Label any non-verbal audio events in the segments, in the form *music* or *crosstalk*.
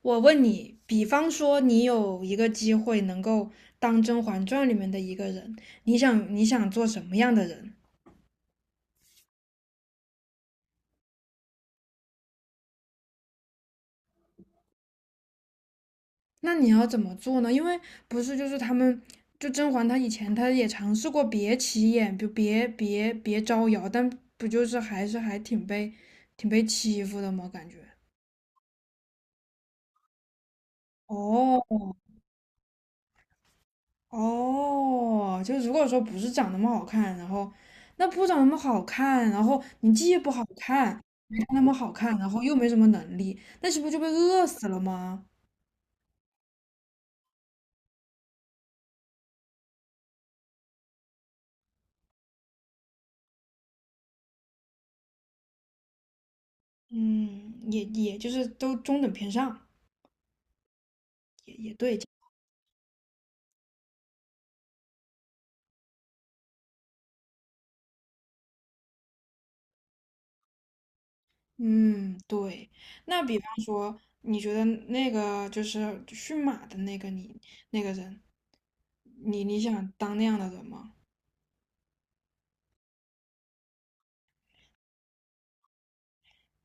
我问你，比方说你有一个机会能够当《甄嬛传》里面的一个人，你想做什么样的人？那你要怎么做呢？因为不是就是他们，就甄嬛她以前她也尝试过别起眼，就别招摇，但不就是还是还挺被挺被欺负的吗？感觉。哦，哦，就如果说不是长那么好看，然后那不长那么好看，然后你既不好看，没那么好看，然后又没什么能力，那是不是就被饿死了吗？嗯，也就是都中等偏上，也对。嗯，对。那比方说，你觉得那个就是驯马的那个你那个人，你想当那样的人吗？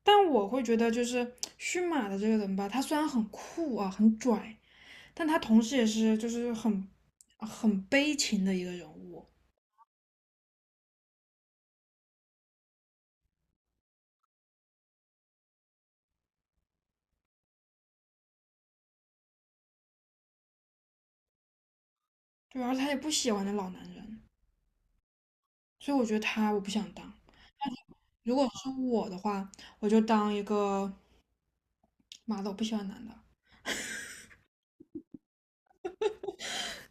但我会觉得，就是驯马的这个人吧，他虽然很酷啊，很拽，但他同时也是就是很悲情的一个人物，对，而他也不喜欢那老男人，所以我觉得他我不想当。如果是我的话，我就当一个妈的，我不喜欢男的，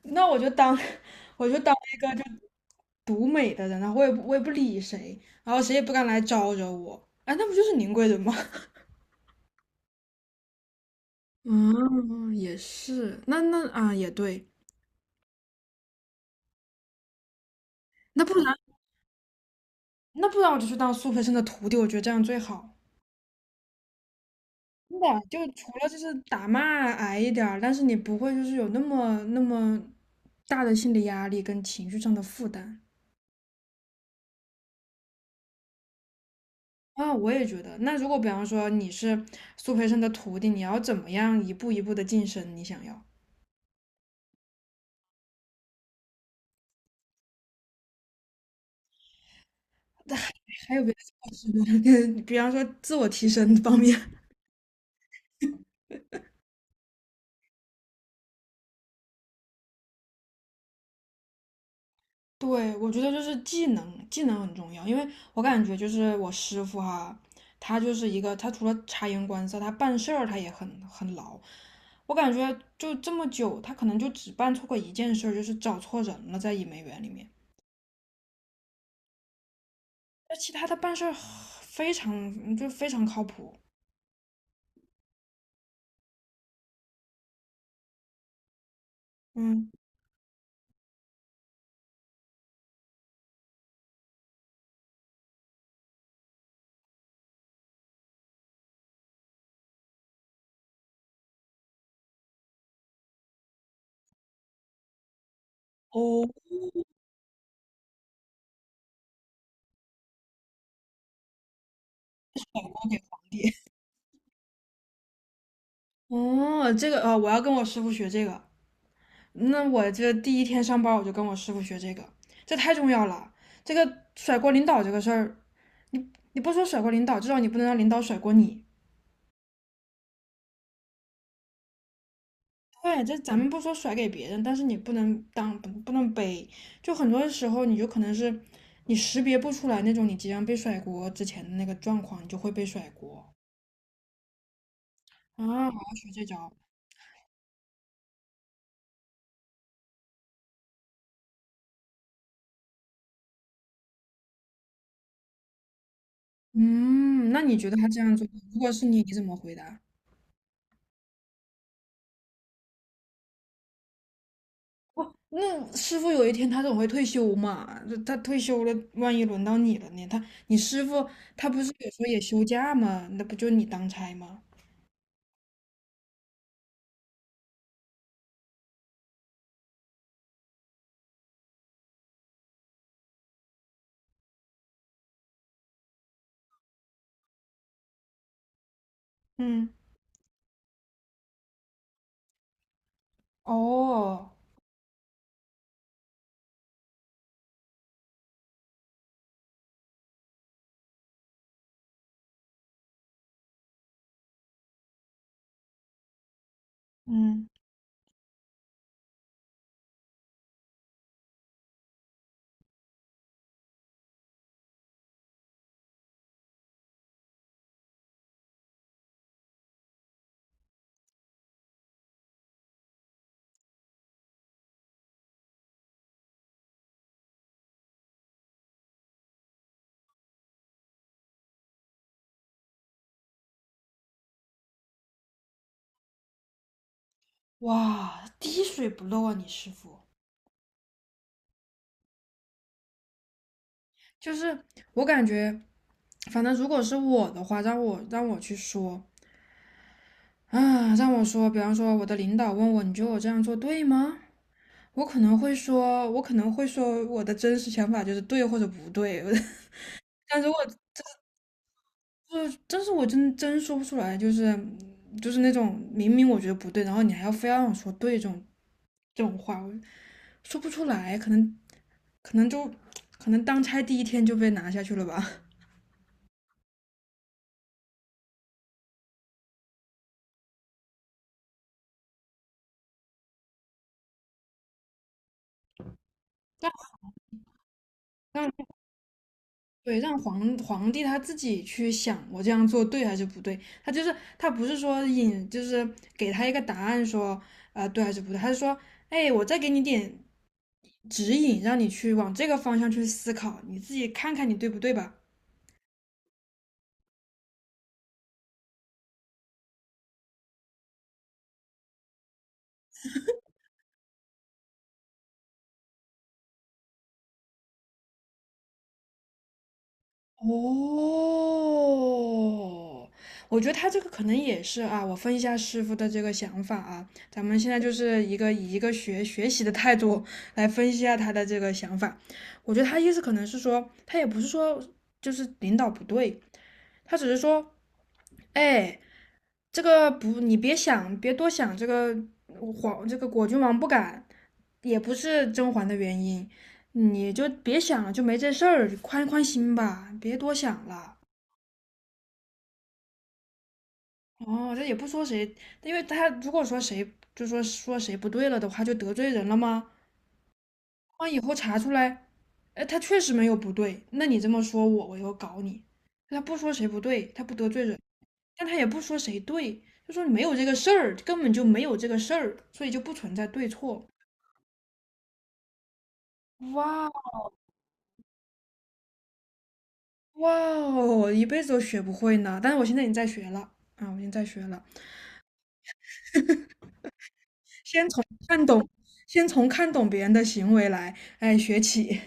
那我就当 *laughs* 我就当一个就独美的人，然后我也不理谁，然后谁也不敢来招惹我，哎，那不就是宁贵人吗？*laughs* 嗯，也是，那啊，也对，那不然，那不然，我就去当苏培盛的徒弟，我觉得这样最好。真的啊，就除了就是打骂挨一点儿，但是你不会就是有那么那么大的心理压力跟情绪上的负担啊，我也觉得。那如果比方说你是苏培盛的徒弟，你要怎么样一步一步的晋升？你想要还有别的方式吗？*laughs* 比方说自我提升方面。对，我觉得就是技能很重要，因为我感觉就是我师傅哈，他就是一个，他除了察言观色，他办事儿他也很牢。我感觉就这么久，他可能就只办错过一件事儿，就是找错人了，在伊梅园里面。那其他他办事儿非常靠谱。嗯，哦，*laughs* 哦，这个，我要跟我师傅学这个。那我这第一天上班，我就跟我师傅学这个，这太重要了。这个甩锅领导这个事儿，你不说甩锅领导，至少你不能让领导甩锅你。对，这咱们不说甩给别人，但是你不能当不能背。就很多时候，你就可能是你识别不出来那种你即将被甩锅之前的那个状况，你就会被甩锅啊！我要学这招。嗯，那你觉得他这样做，如果是你，你怎么回答？那师傅有一天他总会退休嘛，就他退休了，万一轮到你了呢？你师傅他不是有时候也休假吗？那不就你当差吗？嗯，哦，嗯。哇，滴水不漏啊，你师傅。就是我感觉，反正如果是我的话，让我去说啊，让我说，比方说我的领导问我，你觉得我这样做对吗？我可能会说，我的真实想法就是对或者不对。*laughs* 但如果就是，但是我真说不出来，就是那种明明我觉得不对，然后你还要非要让我说对这种话，我说不出来，可能就可能当差第一天就被拿下去了吧。*laughs* 让让对让皇帝他自己去想，我这样做对还是不对？他不是说引，就是给他一个答案说对还是不对？他是说，哎，我再给你点指引，让你去往这个方向去思考，你自己看看你对不对吧？哦，我觉得他这个可能也是啊，我分一下师傅的这个想法啊，咱们现在就是以一个学习的态度来分析一下他的这个想法。我觉得他意思可能是说，他也不是说就是领导不对，他只是说，哎，这个不，你别想，别多想，这个果郡王不敢，也不是甄嬛的原因，你就别想了，就没这事儿，宽宽心吧，别多想了。哦，这也不说谁，因为他如果说谁就说谁不对了的话，就得罪人了吗？万一以后查出来，哎，他确实没有不对，那你这么说我，我又搞你。他不说谁不对，他不得罪人，但他也不说谁对，就说没有这个事儿，根本就没有这个事儿，所以就不存在对错。哇哇哦，一辈子都学不会呢。但是我现在已经在学了啊，我已经在学了，先从看懂，先从看懂别人的行为来，哎，学起。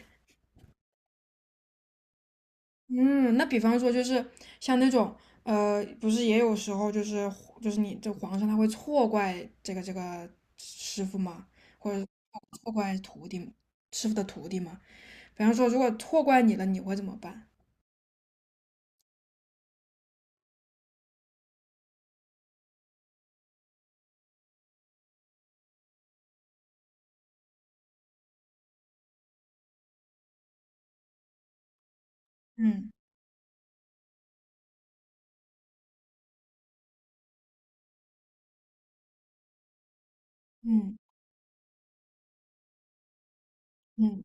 嗯，那比方说就是像那种不是也有时候就是你这皇上他会错怪这个师傅嘛，或者错怪徒弟嘛，师傅的徒弟嘛。比方说，如果错怪你了，你会怎么办？嗯嗯嗯，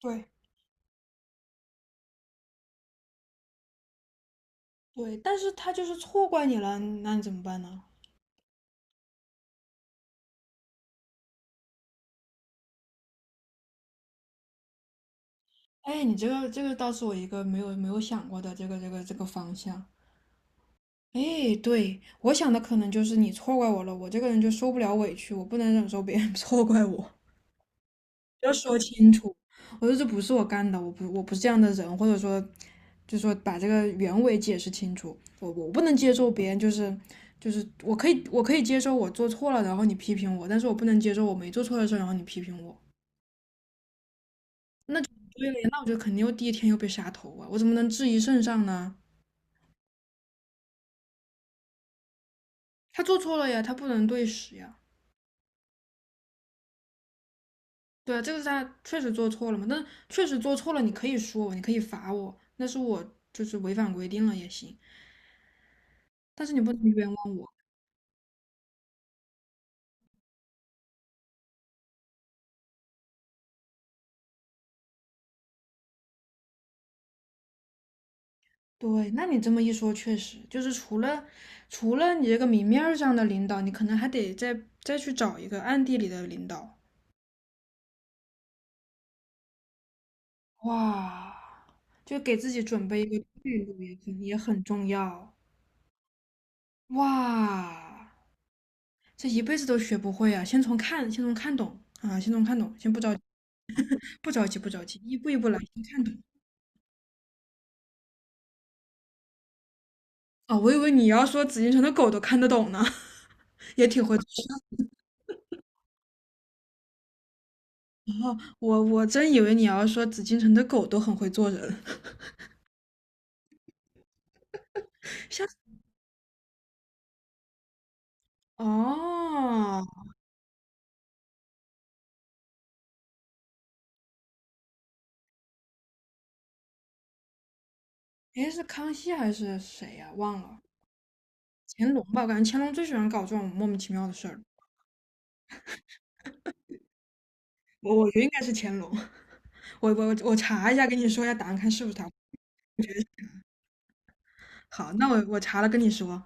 对对，但是他就是错怪你了，那你怎么办呢？哎，你这个倒是我一个没有想过的这个方向。哎，对，我想的可能就是你错怪我了，我这个人就受不了委屈，我不能忍受别人 *laughs* 错怪我，要说清楚，我说这不是我干的，我不是这样的人，或者说，就说把这个原委解释清楚，我不能接受别人就是我可以接受我做错了，然后你批评我，但是我不能接受我没做错的事儿然后你批评我。对了呀，那我就肯定又第一天又被杀头啊，我怎么能质疑圣上呢？他做错了呀，他不能对时呀。对，啊，这个是他确实做错了嘛，但确实做错了，你可以说我，你可以罚我，那是我就是违反规定了也行，但是你不能冤枉我。对，那你这么一说，确实就是除了你这个明面儿上的领导，你可能还得再去找一个暗地里的领导。哇，就给自己准备一个退路也很重要。哇，这一辈子都学不会啊！先从看懂啊，先从看懂，先不着急，不着急，不着急，一步一步来，先看懂。哦，我以为你要说紫禁城的狗都看得懂呢，*laughs* 也挺会做人。我真以为你要说紫禁城的狗都很会做人，像 *laughs* 哦，诶，是康熙还是谁呀、忘了，乾隆吧？我感觉乾隆最喜欢搞这种莫名其妙的事儿。我觉得应该是乾隆，*laughs* 我查一下，跟你说一下答案，看是不是他。好，那我查了跟你说。